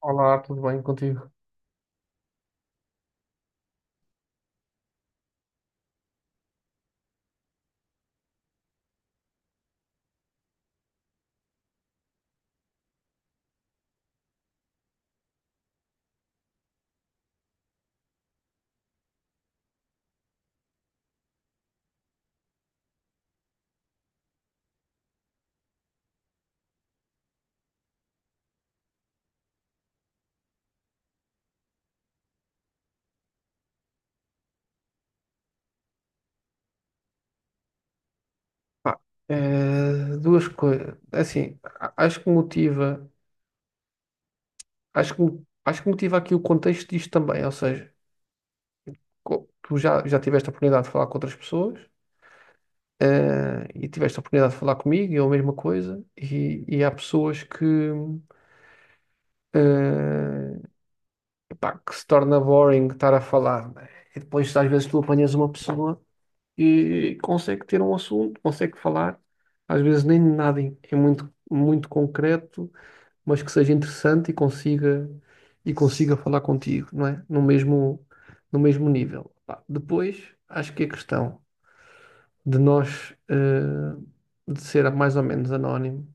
Olá, tudo bem contigo? Pá, duas coisas. Assim, acho que motiva, acho que, acho que motiva aqui o contexto disto também. Ou seja, tu já tiveste a oportunidade de falar com outras pessoas, e tiveste a oportunidade de falar comigo, e é a mesma coisa. E há pessoas que, eh, pá, que se torna boring estar a falar, né? E depois, às vezes, tu apanhas uma pessoa e consegue ter um assunto, consegue falar, às vezes nem nada é muito, muito concreto, mas que seja interessante e consiga falar contigo, não é? No mesmo nível. Pá, depois, acho que a questão de nós de ser mais ou menos anónimo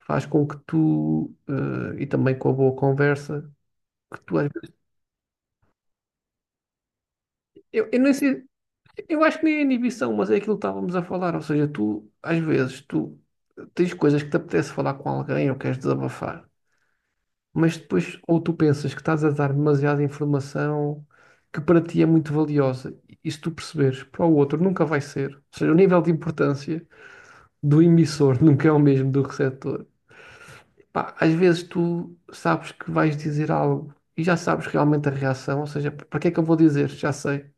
faz com que tu e também com a boa conversa que tu às vezes, eu nem sei, eu acho que nem é inibição, mas é aquilo que estávamos a falar. Ou seja, tu às vezes tu tens coisas que te apetece falar com alguém ou queres desabafar, mas depois ou tu pensas que estás a dar demasiada informação que para ti é muito valiosa, e se tu perceberes, para o outro nunca vai ser. Ou seja, o nível de importância do emissor nunca é o mesmo do receptor. Pá, às vezes tu sabes que vais dizer algo e já sabes realmente a reação. Ou seja, para que é que eu vou dizer? Já sei.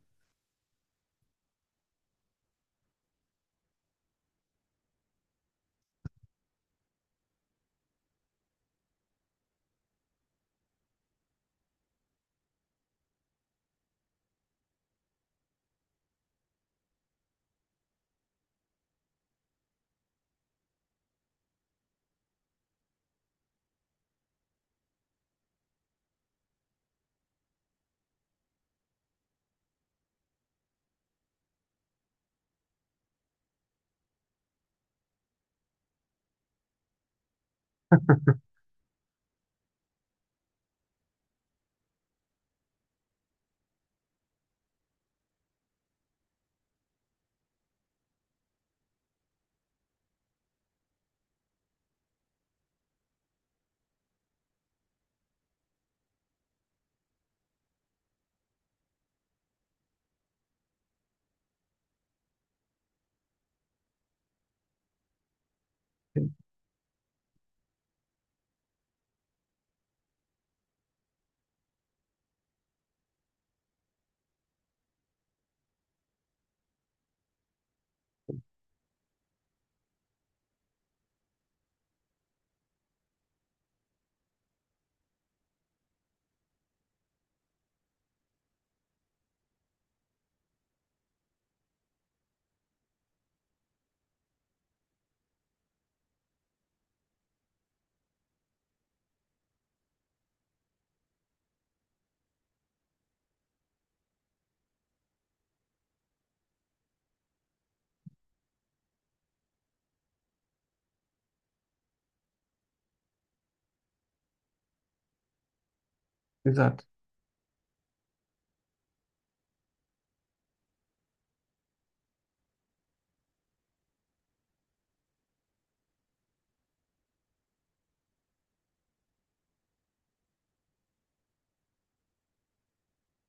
Exato.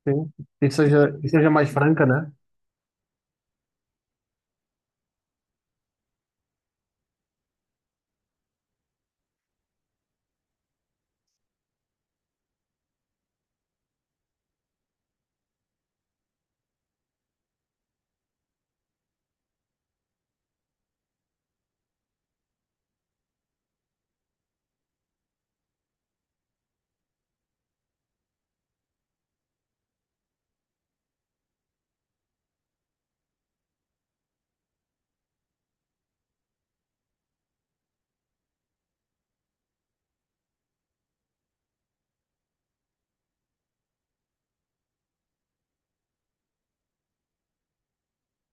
Sim. E seja mais franca, né?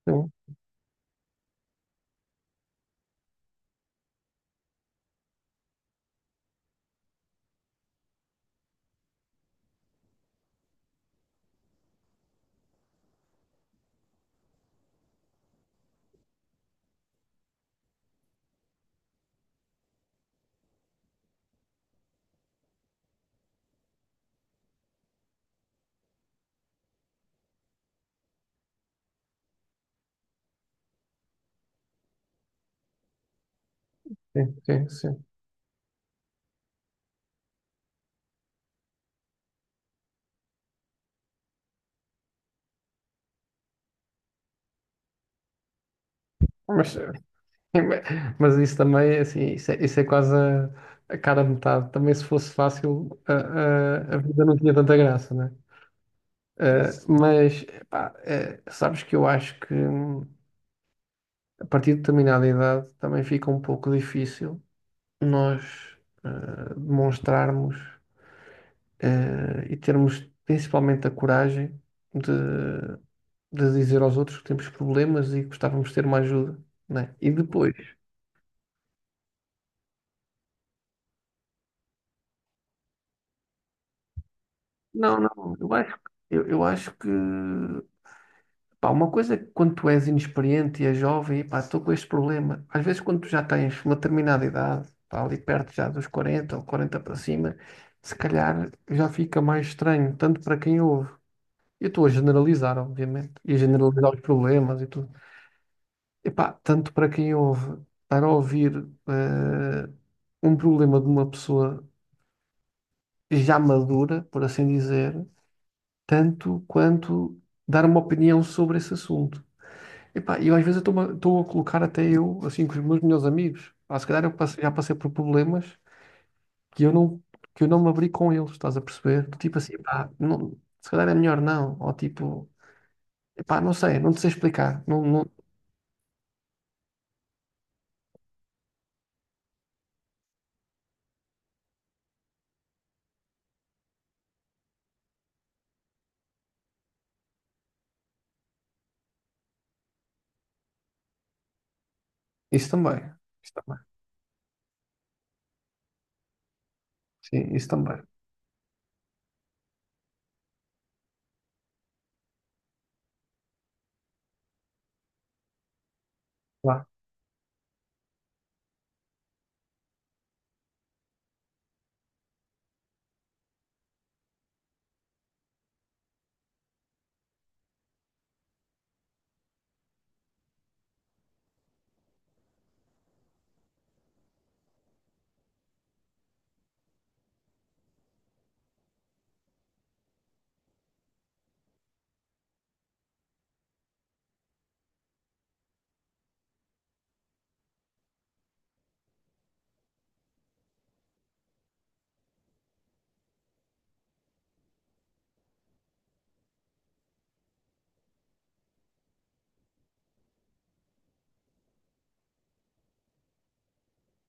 Sim, sim, sim, sim. Mas mas isso também, assim, isso é quase a cara a metade. Também se fosse fácil, a vida não tinha tanta graça, né? Eh, mas, pá, sabes que eu acho que a partir de determinada idade também fica um pouco difícil nós demonstrarmos e termos principalmente a coragem de, de dizer aos outros que temos problemas e que gostávamos de ter uma ajuda, né? E depois. Não, não, eu acho, eu acho que, pá, uma coisa é que quando tu és inexperiente e és jovem, e pá, estou com este problema. Às vezes quando tu já tens uma determinada idade, pá, ali perto já dos 40 ou 40 para cima, se calhar já fica mais estranho, tanto para quem ouve. Eu estou a generalizar, obviamente, e a generalizar os problemas e tudo. E pá, tanto para quem ouve, para ouvir eh, um problema de uma pessoa já madura, por assim dizer, tanto quanto dar uma opinião sobre esse assunto. Epá, eu às vezes estou a colocar até eu, assim, com os meus melhores amigos. Pá, se calhar já passei por problemas que eu não, que eu não me abri com eles, estás a perceber? Tipo assim, pá, não, se calhar é melhor não. Ou tipo, epá, não sei, não te sei explicar. Isso também. Isso também. Sim, isso também. Claro,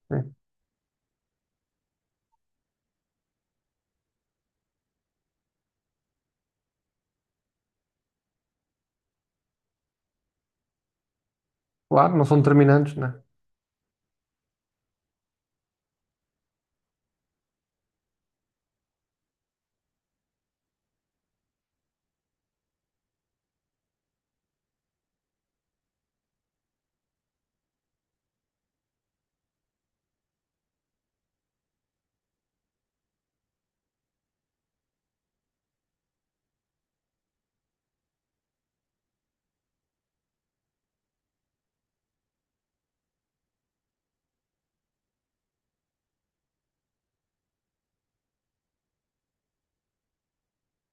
sim. Claro, não são determinantes, né?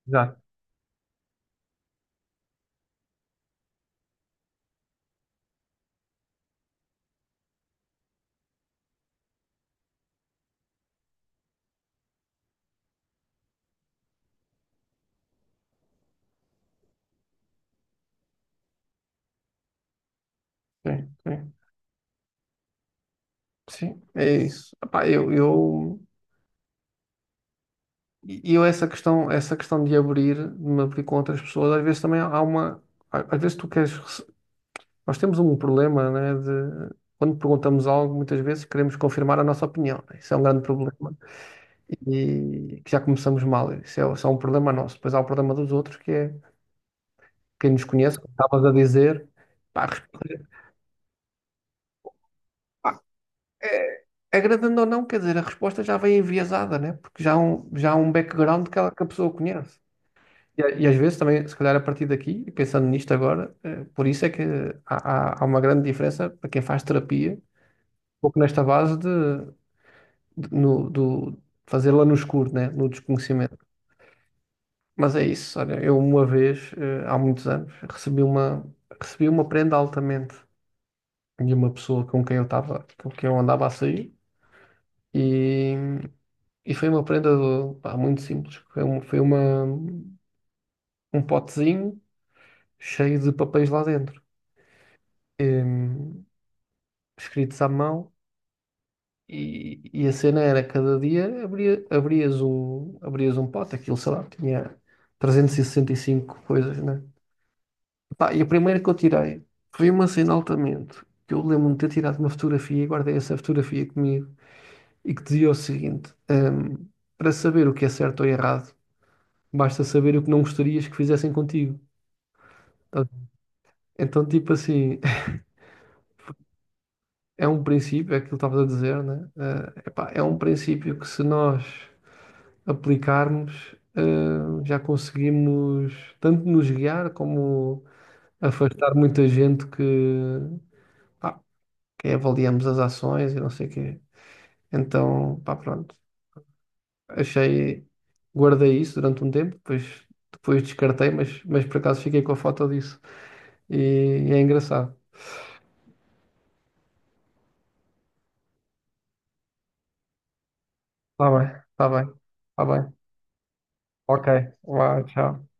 Exato. Sim, sim. Sim, é isso. Epá, eu... E eu essa questão de abrir, de me abrir com outras pessoas, às vezes também há uma, às vezes tu queres, nós temos um problema, né, de quando perguntamos algo, muitas vezes queremos confirmar a nossa opinião, né? Isso é um grande problema e que já começamos mal. Isso é só um problema nosso. Depois há o problema dos outros, que é quem nos conhece, como estavas a dizer, pá, a resposta- pá, é- agradando ou não, quer dizer, a resposta já vem enviesada, né? Porque já há um background que, que a pessoa conhece. E, e às vezes também, se calhar a partir daqui, e pensando nisto agora, por isso é que há uma grande diferença para quem faz terapia, um pouco nesta base no, do fazê-la no escuro, né? No desconhecimento. Mas é isso, olha, eu uma vez, há muitos anos, recebi uma prenda altamente de uma pessoa com quem eu estava, com quem eu andava a sair, e, e foi uma prenda pá, muito simples, um potezinho cheio de papéis lá dentro, escritos à mão. E, e a cena era cada dia abrias um pote. Aquilo, sei lá, tinha 365 coisas, né? Pá, e a primeira que eu tirei foi uma cena altamente, que eu lembro-me de ter tirado uma fotografia e guardei essa fotografia comigo, e que dizia o seguinte, para saber o que é certo ou errado, basta saber o que não gostarias que fizessem contigo. Tá? Então, tipo assim, é um princípio, é aquilo que estavas a dizer, né? Epá, é um princípio que se nós aplicarmos, já conseguimos tanto nos guiar como afastar muita gente que, pá, que avaliamos as ações e não sei o quê. Então, pá, pronto. Achei, guardei isso durante um tempo, depois descartei, mas por acaso fiquei com a foto disso. E, é engraçado. Tá bem, tá bem. Ok, vá, tchau.